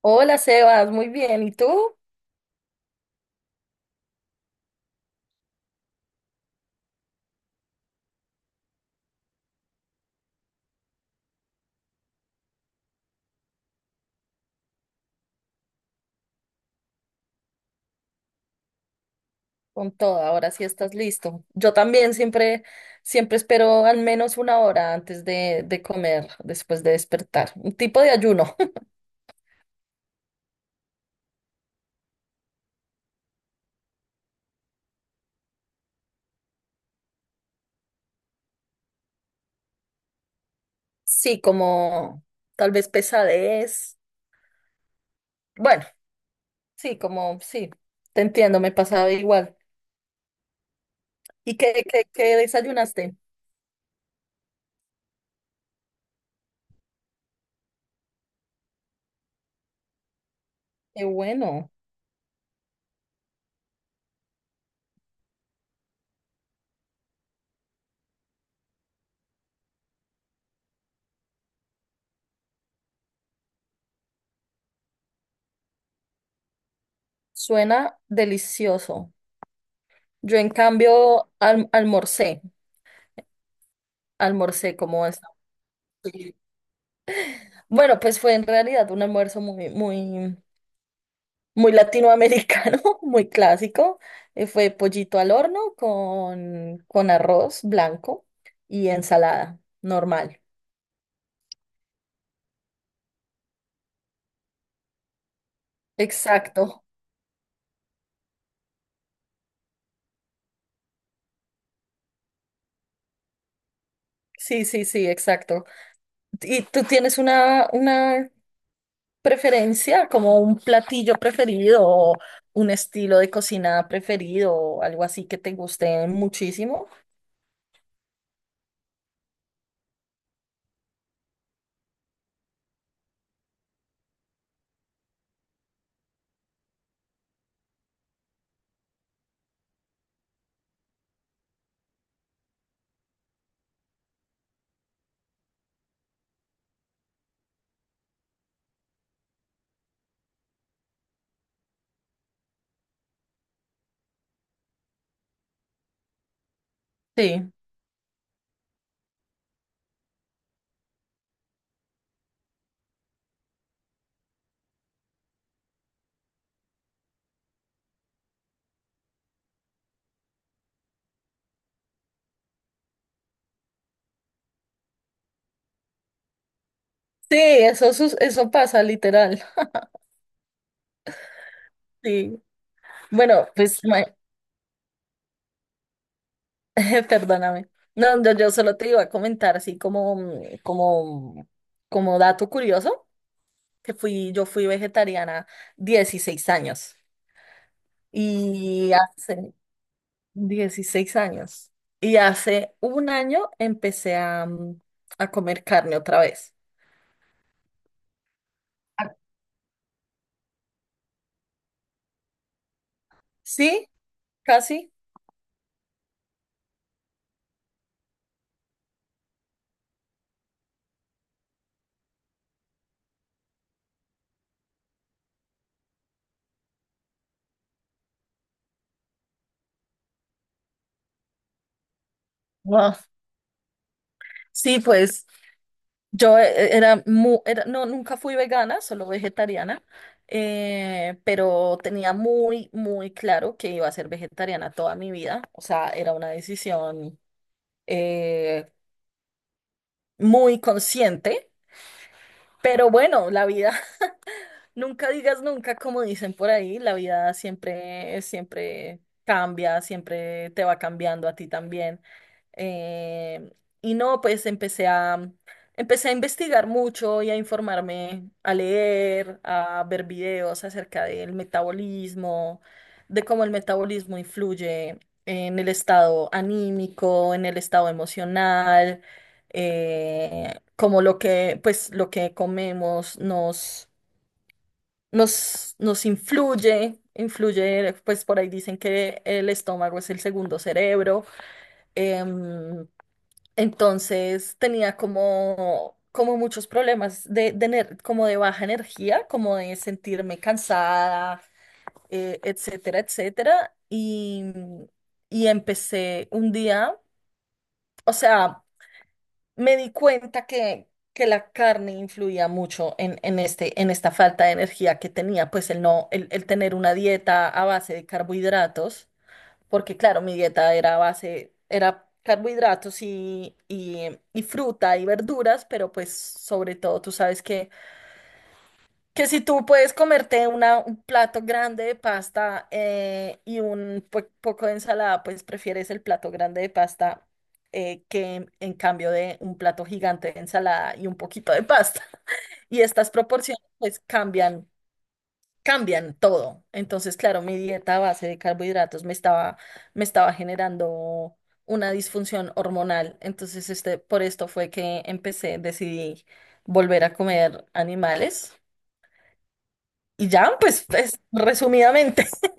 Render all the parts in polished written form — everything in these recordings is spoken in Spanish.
Hola Sebas, muy bien. ¿Y tú? Con todo, ahora sí estás listo. Yo también siempre, siempre espero al menos una hora antes de comer, después de despertar. Un tipo de ayuno. Sí, como tal vez pesadez. Bueno, sí, como sí, te entiendo, me pasaba igual. ¿Y qué, qué desayunaste? Qué bueno, suena delicioso. Yo en cambio almorcé, almorcé como esta. Bueno, pues fue en realidad un almuerzo muy, muy, muy latinoamericano, muy clásico. Fue pollito al horno con arroz blanco y ensalada normal. Exacto. Sí, sí, sí, exacto. ¿Y tú tienes una preferencia, como un platillo preferido o un estilo de cocina preferido o algo así que te guste muchísimo? Sí. Sí, eso, eso pasa literal. Sí. Bueno, pues, perdóname. No, yo solo te iba a comentar así como como dato curioso, que yo fui vegetariana 16 años y hace 16 años. Y hace un año empecé a a comer carne otra vez. Ah, sí, casi. Wow. Sí, pues. Yo no, nunca fui vegana, solo vegetariana, pero tenía muy, muy claro que iba a ser vegetariana toda mi vida. O sea, era una decisión eh, muy consciente, pero bueno, la vida, nunca digas nunca, como dicen por ahí, la vida siempre, siempre cambia, siempre te va cambiando a ti también. Eh, y no, pues empecé a investigar mucho y a informarme, a leer, a ver videos acerca del metabolismo, de cómo el metabolismo influye en el estado anímico, en el estado emocional, cómo lo lo que nos influye. Influye, pues por ahí dicen que el estómago es el segundo cerebro. em, entonces tenía como muchos problemas de como de baja energía, como de sentirme cansada, etcétera, etcétera. Y empecé un día, o sea, me di cuenta que la carne influía mucho en este, en esta falta de energía que tenía, pues el no, el tener una dieta a base de carbohidratos porque claro, mi dieta era base, era carbohidratos y fruta y verduras, pero pues sobre todo tú sabes que si tú puedes comerte una, un plato grande de pasta y un poco de ensalada, pues prefieres el plato grande de pasta que en cambio de un plato gigante de ensalada y un poquito de pasta. Y estas proporciones pues cambian todo. Entonces, claro, mi dieta a base de carbohidratos me estaba generando una disfunción hormonal. Entonces, este, por esto fue que empecé, decidí volver a comer animales. Y ya, pues, pues, resumidamente.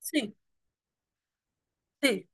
Sí, sí.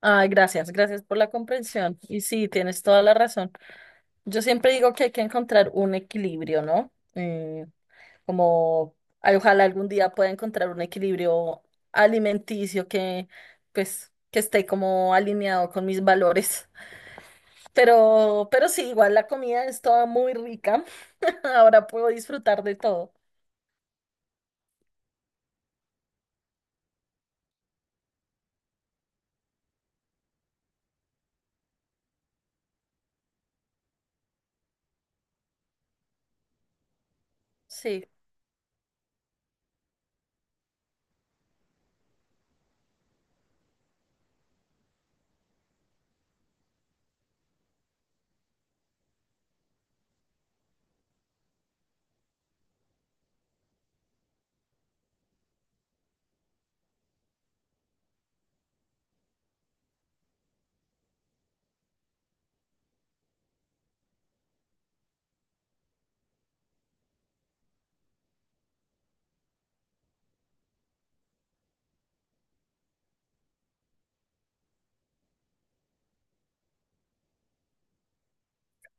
Ay, gracias, gracias por la comprensión. Y sí, tienes toda la razón. Yo siempre digo que hay que encontrar un equilibrio, ¿no? Como ay, ojalá algún día pueda encontrar un equilibrio alimenticio que pues que esté como alineado con mis valores. Pero sí, igual la comida es toda muy rica. Ahora puedo disfrutar de todo. Sí,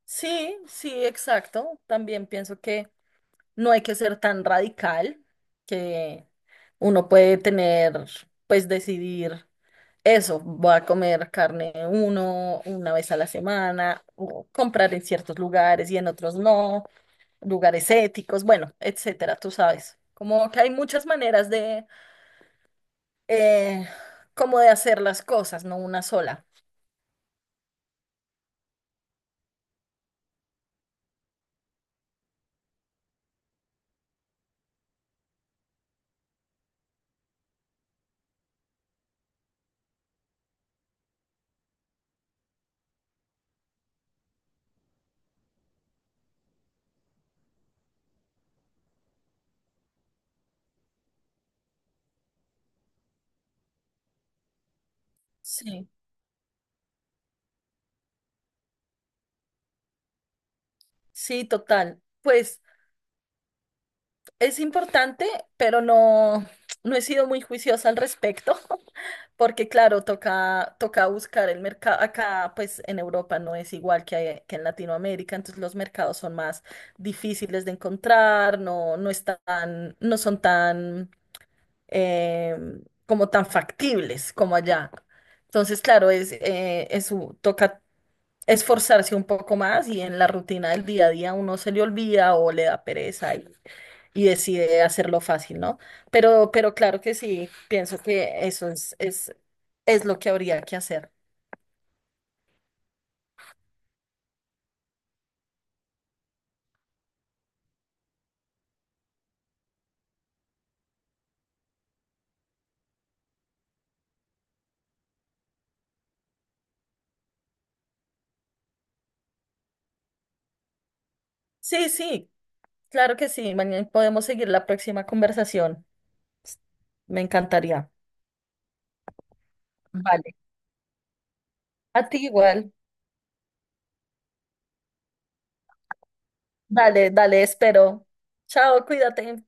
sí, sí, exacto. También pienso que no hay que ser tan radical, que uno puede tener, pues decidir. Eso, voy a comer carne una vez a la semana, o comprar en ciertos lugares y en otros no, lugares éticos, bueno, etcétera, tú sabes. Como que hay muchas maneras de, eh, como de hacer las cosas, no una sola. Sí, sí, total. Pues es importante, pero no, no he sido muy juiciosa al respecto, porque claro, toca, toca buscar el mercado. Acá, pues en Europa no es igual que en Latinoamérica, entonces los mercados son más difíciles de encontrar, no, no están, no son tan eh, como tan factibles como allá. Entonces, claro, es toca esforzarse un poco más y en la rutina del día a día uno se le olvida o le da pereza y decide hacerlo fácil, ¿no? Pero claro que sí, pienso que eso es lo que habría que hacer. Sí, sí, claro que sí. Mañana podemos seguir la próxima conversación. Me encantaría. Vale. A ti igual. Dale, dale, espero. Chao, cuídate.